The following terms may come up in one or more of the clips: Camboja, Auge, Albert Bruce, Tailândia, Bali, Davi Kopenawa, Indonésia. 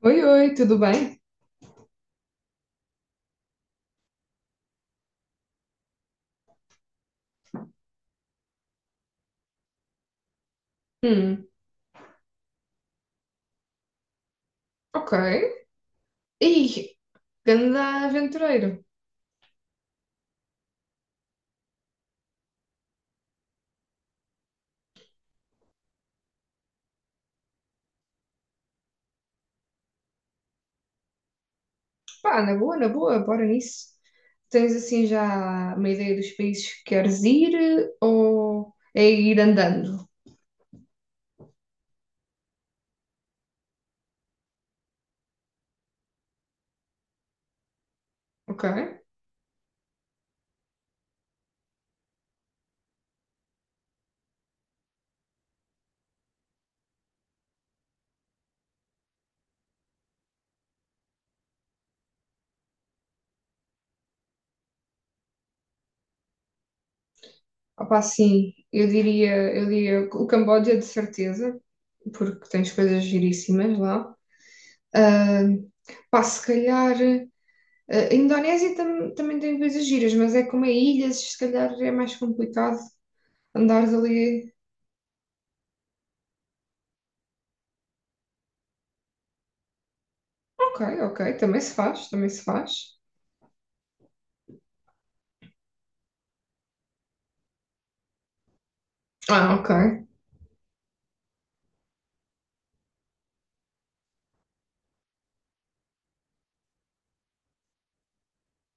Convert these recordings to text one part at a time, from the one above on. Oi, oi, tudo bem? Hum, ok. Ih, grande aventureiro. Pá, na boa, bora nisso. Tens assim já uma ideia dos países que queres ir ou é ir andando? Ok. Opa, sim, eu diria o Camboja de certeza, porque tens coisas giríssimas lá. Ah, pá, se calhar. A Indonésia tam- também tem coisas giras, mas é como é ilhas, se calhar é mais complicado andar ali. Ok, ok, também se faz, também se faz. Ah, ok.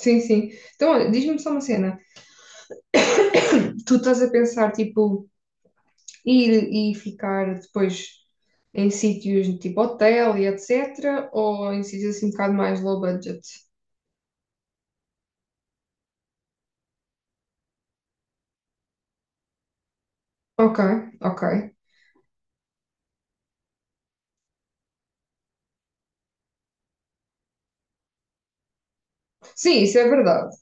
Sim, sim. Então, olha, diz-me só uma cena. Tu estás a pensar, tipo, ir e ficar depois em sítios tipo hotel e etc. Ou em sítios assim um bocado mais low budget? Ok, ok. Sim, isso é verdade.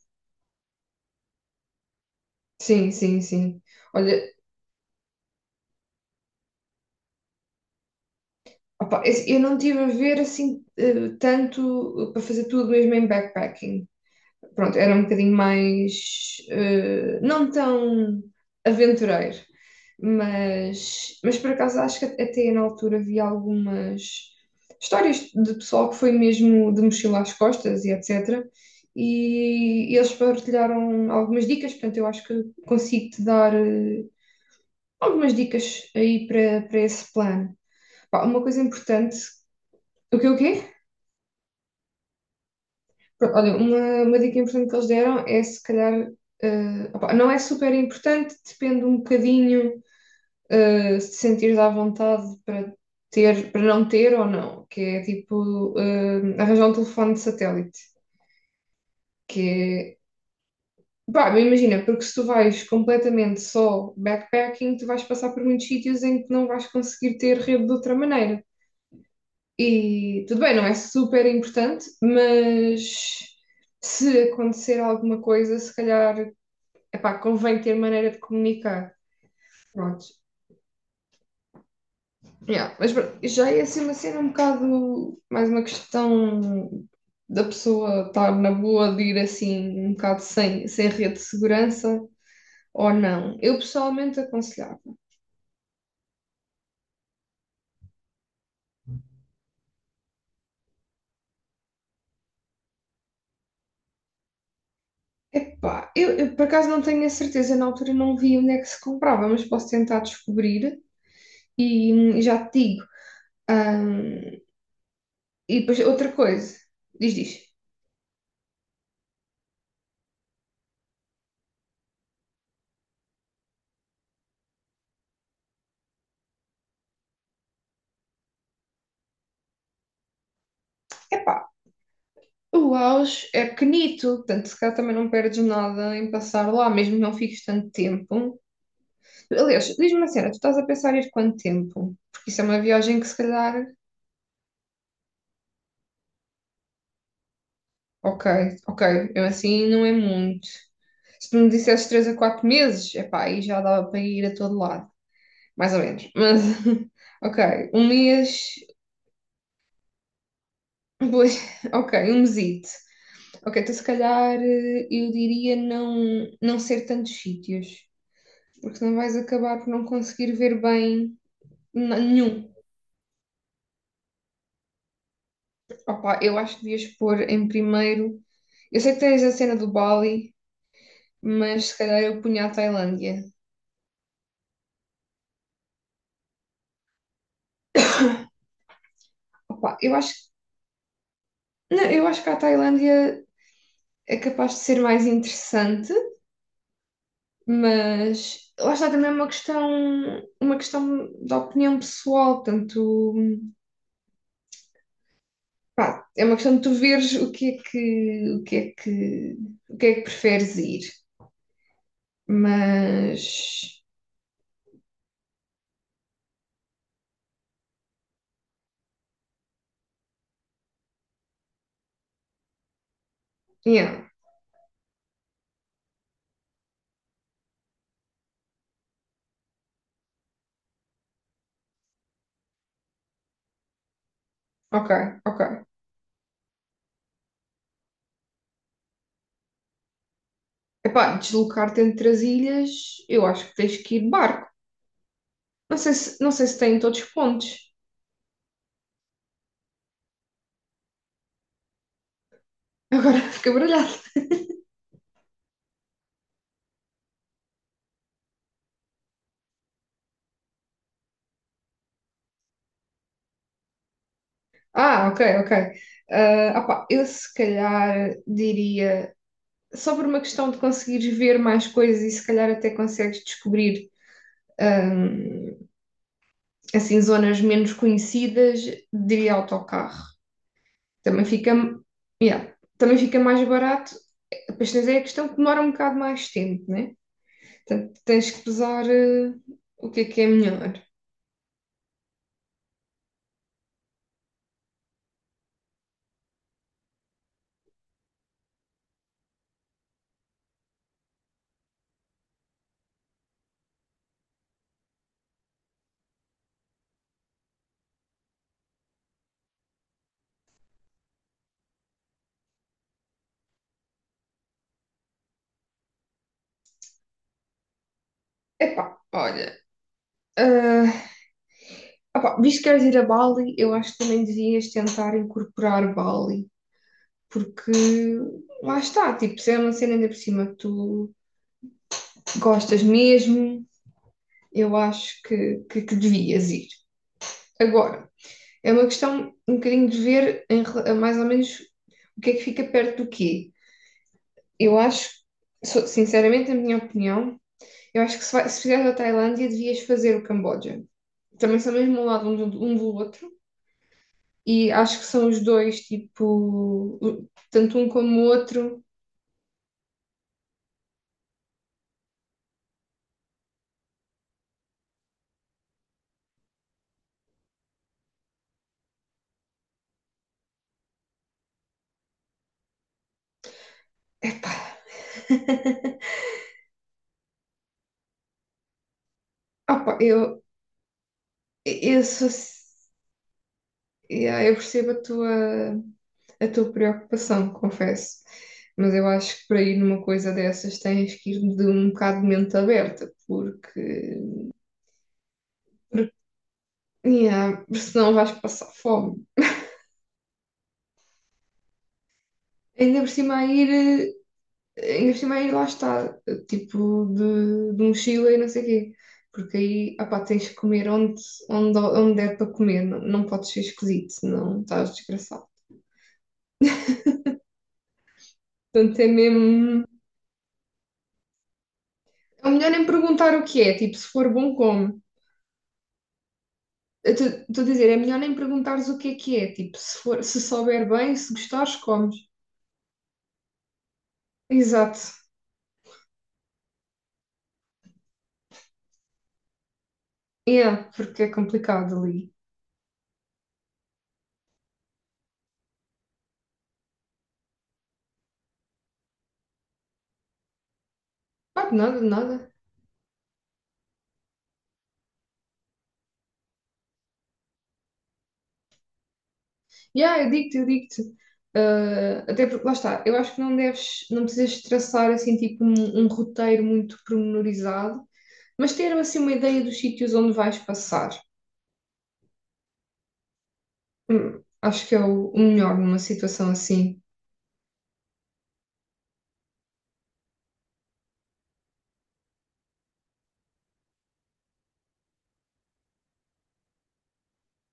Sim, sim, sim. Olha, opá, eu não estive a ver assim tanto, para fazer tudo mesmo em backpacking. Pronto, era um bocadinho mais, não tão aventureiro, mas por acaso acho que até na altura vi algumas histórias de pessoal que foi mesmo de mochila às costas e etc. E eles partilharam algumas dicas, portanto, eu acho que consigo te dar algumas dicas aí para, para esse plano. Pá, uma coisa importante, o que o quê? Pronto, olha, uma dica importante que eles deram é se calhar, opá, não é super importante, depende um bocadinho, se te sentires à vontade para ter, para não ter ou não, que é tipo, arranjar um telefone de satélite, que é, pá, imagina, porque se tu vais completamente só backpacking, tu vais passar por muitos sítios em que não vais conseguir ter rede de outra maneira. E tudo bem, não é super importante, mas se acontecer alguma coisa, se calhar, epá, convém ter maneira de comunicar. Pronto. Yeah, mas pronto, já é assim uma cena um bocado mais uma questão da pessoa estar na boa de ir assim um bocado sem, sem rede de segurança ou não. Eu pessoalmente aconselhava. Epá, eu por acaso não tenho a certeza, na altura não vi onde é que se comprava, mas posso tentar descobrir e já te digo. Ahm, e depois outra coisa, diz, diz. Epá, o Auge é pequenito, portanto, se calhar também não perdes nada em passar lá, mesmo que não fiques tanto tempo. Aliás, diz-me uma cena, tu estás a pensar em ir quanto tempo? Porque isso é uma viagem que se calhar, ok, ok, eu assim não é muito. Se tu me dissesses 3 a 4 meses, epá, aí já dava para ir a todo lado, mais ou menos. Mas, ok, um mês, pois, ok, um mesito. Ok, então se calhar eu diria não, não ser tantos sítios. Porque senão vais acabar por não conseguir ver bem nenhum. Opa, eu acho que devias pôr em primeiro. Eu sei que tens a cena do Bali, mas se calhar eu punha a Tailândia. Opa, eu acho, não, eu acho que a Tailândia é capaz de ser mais interessante, mas lá está também uma questão da opinião pessoal, portanto, pá, é uma questão de tu veres o que é que, o que é que, o que é que preferes ir. Mas, yeah. Ok, ok. Epá, deslocar-te entre as ilhas, eu acho que tens que ir de barco. Não sei se, não sei se tem em todos os pontos. Agora fica baralhado. Ah, ok, ok. Ah, opá, eu se calhar diria, só por uma questão de conseguires ver mais coisas e se calhar até consegues descobrir hum, assim zonas menos conhecidas, diria autocarro. Também fica, yeah, também fica mais barato. Depois tens aí a questão que demora um bocado mais tempo, né? Portanto, tens que pesar, o que é melhor. Epá, olha. ah, Opá, visto que queres ir a Bali, eu acho que também devias tentar incorporar Bali, porque lá está, tipo, se é uma cena ainda por cima que tu gostas mesmo, eu acho que devias ir. Agora, é uma questão um bocadinho de ver em rela- mais ou menos o que é que fica perto do quê. Eu acho, so- sinceramente, na minha opinião, eu acho que se, vai, se fizeres a Tailândia, devias fazer o Camboja. Também são mesmo ao lado um do outro, e acho que são os dois, tipo, o- tanto um como o outro. Epá, opa, eu sou. Yeah, eu percebo a tua preocupação, confesso. Mas eu acho que para ir numa coisa dessas tens que ir de um bocado de mente aberta, porque, porque yeah, senão vais passar fome. Ainda por cima a ir eh, ainda por cima aí lá está, tipo de mochila e não sei o quê. Porque aí, opá, tens que comer onde, onde, onde é para comer, não, não podes ser esquisito, senão estás desgraçado. Portanto, é mesmo. É melhor nem perguntar o que é, tipo, se for bom, come. Estou a dizer, é melhor nem perguntares o que é, tipo, se for, se souber bem, se gostares, comes. Exato. É, porque é complicado ali. Pá, de nada, de nada. Yeah, eu digo-te, eu digo-te. Ah, até porque, lá está, eu acho que não deves, não precisas traçar assim tipo um, um roteiro muito pormenorizado, mas ter assim uma ideia dos sítios onde vais passar. Acho que é o melhor numa situação assim.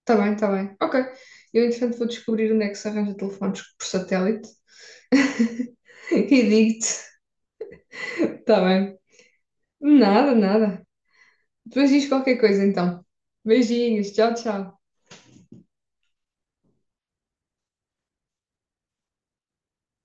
Tá bem, tá bem. Ok. Eu, entretanto, vou descobrir onde é que se arranja telefones por satélite. E digo-te. Tá bem. Nada, nada. Depois diz qualquer coisa então. Beijinhos, tchau, tchau.